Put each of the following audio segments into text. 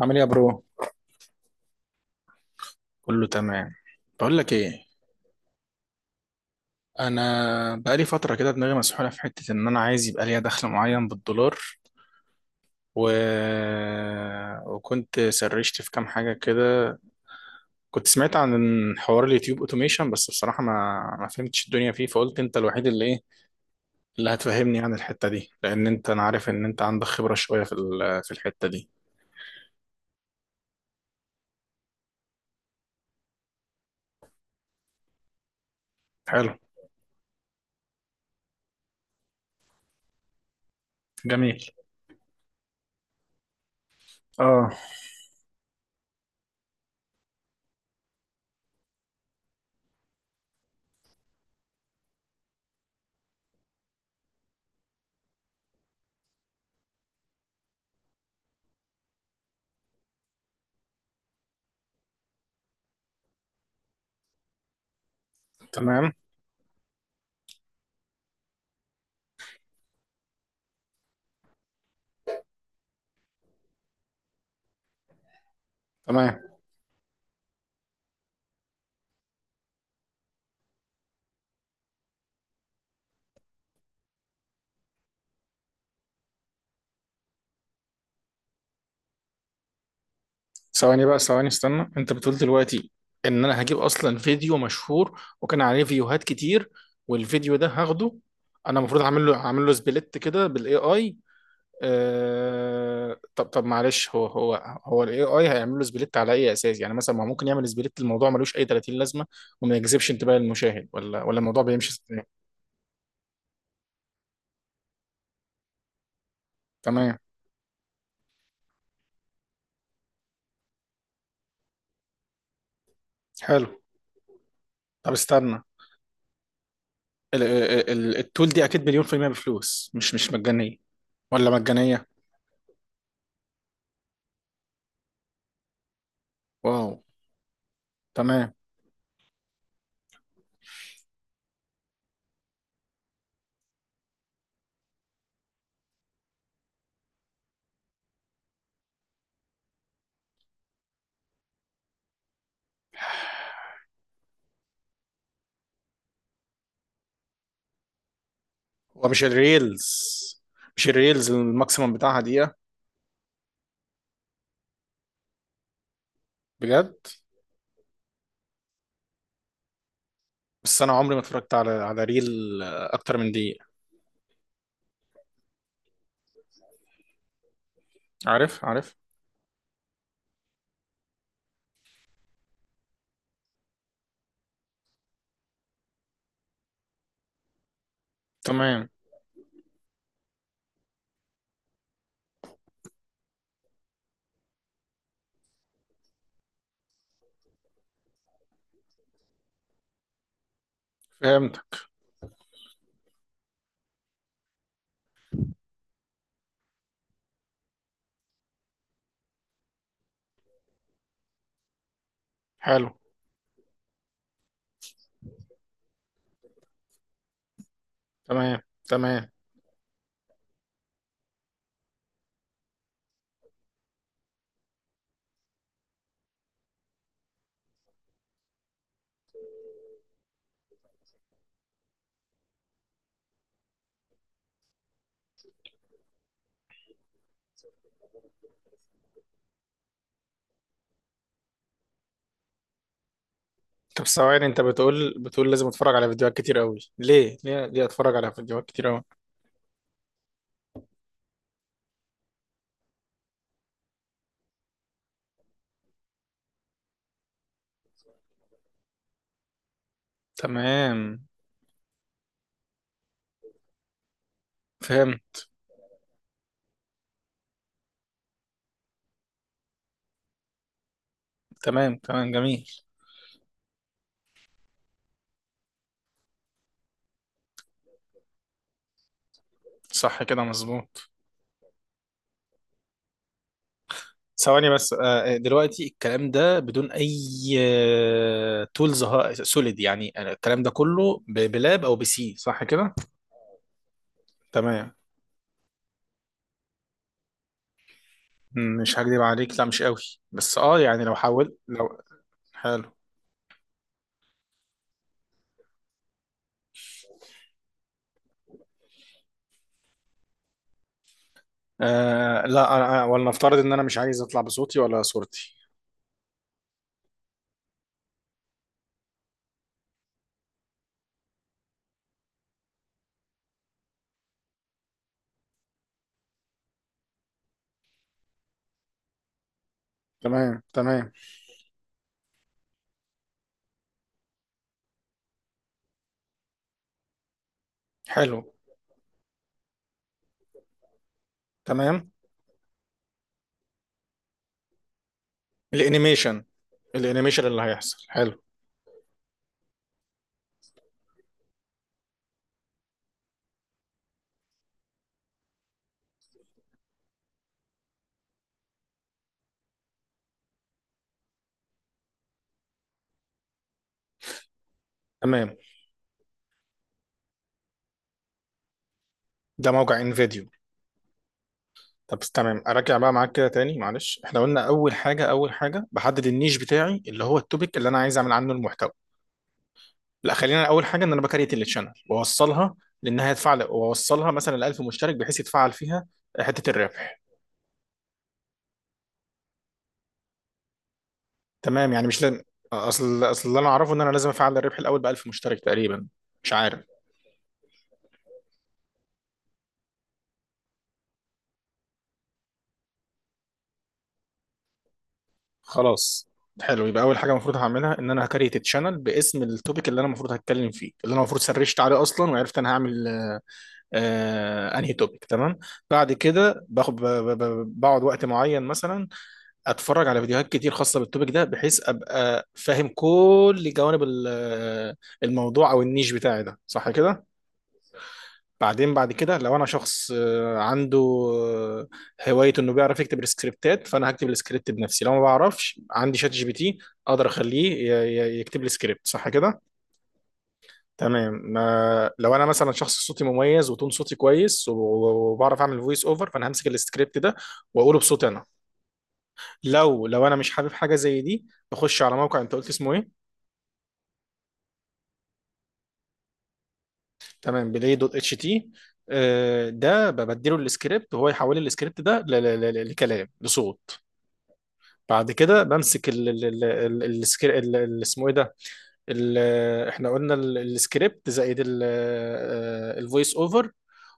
عامل ايه يا برو؟ كله تمام. بقول لك ايه، انا بقالي فتره كده دماغي مسحوله في حته ان انا عايز يبقى ليا دخل معين بالدولار. و... وكنت سرشت في كام حاجه كده. كنت سمعت عن حوار اليوتيوب اوتوميشن، بس بصراحه ما فهمتش الدنيا فيه. فقلت انت الوحيد اللي هتفهمني عن الحته دي، لان انا عارف ان انت عندك خبره شويه في الحته دي. حلو. جميل. اه. تمام، تمام. ثواني استنى، انت بتقول دلوقتي ان انا هجيب اصلا فيديو مشهور وكان عليه فيوهات كتير، والفيديو ده هاخده، انا المفروض اعمل له سبليت كده بالاي اي؟ طب معلش، هو الاي اي هيعمل له سبليت على اي اساس؟ يعني مثلا، ما هو ممكن يعمل سبليت، الموضوع ملوش اي 30 لازمه، وما يجذبش انتباه المشاهد، ولا الموضوع بيمشي ازاي؟ تمام. حلو. طب استنى، التول دي اكيد مليون في المية بفلوس، مش مجانيه؟ ولا مجانيه؟ واو. تمام. هو مش الريلز الماكسيمم بتاعها دقيقة؟ بجد؟ بس أنا عمري ما اتفرجت على ريل، أكتر من دقيقة. عارف، عارف. تمام. فهمت. حلو. تمام، تمام. طب ثواني، أنت بتقول لازم أتفرج على فيديوهات كتير أوي، ليه أتفرج على فيديوهات كتير أوي؟ تمام. فهمت. تمام، تمام، جميل. صح كده، مظبوط. ثواني بس. دلوقتي الكلام ده بدون اي تولز سوليد، يعني أنا الكلام ده كله بلاب او بسي، صح كده؟ تمام. مش هكدب عليك، لا مش قوي. بس يعني لو حاول لو. حلو. آه لا، ولنفترض ان انا مش عايز اطلع بصوتي ولا صورتي. تمام. تمام. حلو. تمام. الانيميشن الانيميشن اللي هيحصل، حلو. تمام. ده موقع انفيديو؟ طب تمام، اراجع بقى معاك كده تاني، معلش. احنا قلنا اول حاجه بحدد النيش بتاعي، اللي هو التوبيك اللي انا عايز اعمل عنه المحتوى. لا، خلينا اول حاجه ان انا بكريت التشانل واوصلها، لانها تفعل واوصلها مثلا ل 1000 مشترك بحيث يتفعل فيها حته الربح. تمام، يعني مش لازم. اصل اللي انا اعرفه ان انا لازم افعل الربح الاول ب 1000 مشترك تقريبا. مش عارف. خلاص. حلو، يبقى اول حاجه المفروض هعملها ان انا هكريت التشانل باسم التوبيك اللي انا المفروض هتكلم فيه، اللي انا المفروض سرشت عليه اصلا وعرفت انا هعمل آه انهي توبيك. تمام. بعد كده باخد ب- ب- ب- بقعد وقت معين، مثلا اتفرج على فيديوهات كتير خاصه بالتوبيك ده، بحيث ابقى فاهم كل جوانب الموضوع او النيش بتاعي ده، صح كده؟ بعدين بعد كده لو انا شخص عنده هوايه انه بيعرف يكتب السكريبتات، فانا هكتب السكريبت بنفسي، لو ما بعرفش عندي شات جي بي تي اقدر اخليه يكتب لي سكريبت، صح كده؟ تمام، ما لو انا مثلا شخص صوتي مميز وتون صوتي كويس وبعرف اعمل فويس اوفر، فانا همسك السكريبت ده واقوله بصوتي انا. لو انا مش حابب حاجه زي دي، بخش على موقع. انت قلت اسمه ايه؟ تمام، بلاي دوت اتش تي. ده ببدله السكريبت وهو يحول لي السكريبت ده لكلام لصوت. بعد كده بمسك اسمه ايه ده؟ احنا قلنا السكريبت زائد الفويس اوفر،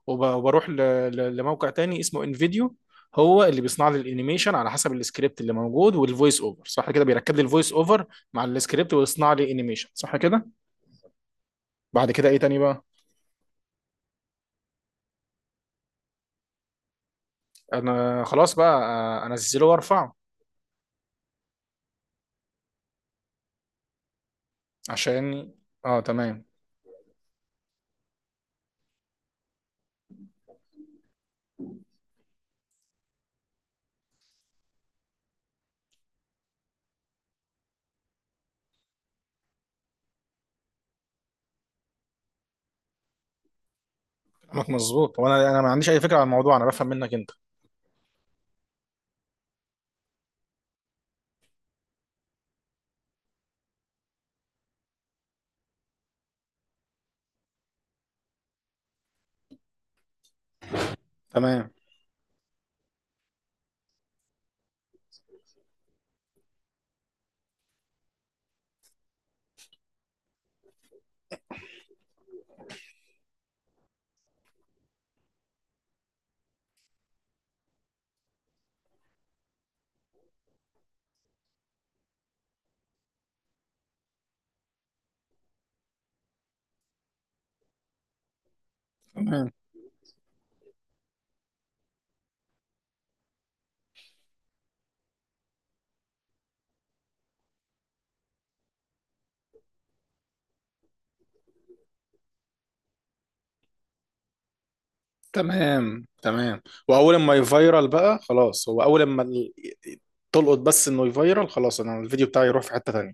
وبروح لموقع تاني اسمه انفيديو، هو اللي بيصنع لي الانيميشن على حسب السكريبت اللي موجود والفويس اوفر، صح كده؟ بيركب لي الفويس اوفر مع السكريبت ويصنع لي انيميشن، صح كده؟ بعد كده ايه تاني بقى؟ انا خلاص بقى، انزله وارفعه. عشان اه، تمام. كلامك مظبوط، وانا ما عنديش اي فكره عن الموضوع، انا بفهم منك انت. تمام، تمام، تمام، تمام. واول ما يفيرال بقى خلاص، هو اول ما تلقط، بس انه يفيرال خلاص انا الفيديو بتاعي يروح في حتة تانية.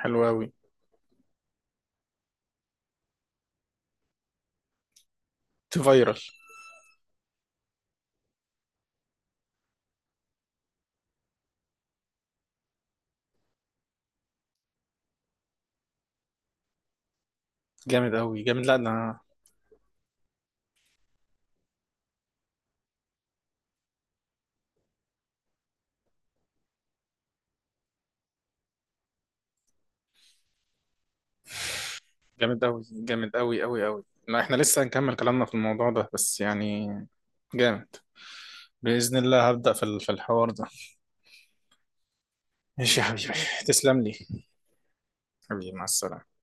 حلو قوي. تفيرال. جامد قوي جامد، لا ده جامد قوي جامد قوي قوي قوي، لا احنا لسه هنكمل كلامنا في الموضوع ده، بس يعني جامد. بإذن الله هبدأ في الحوار ده. ماشي يا حبيبي. تسلم لي. حبيبي، مع السلامة.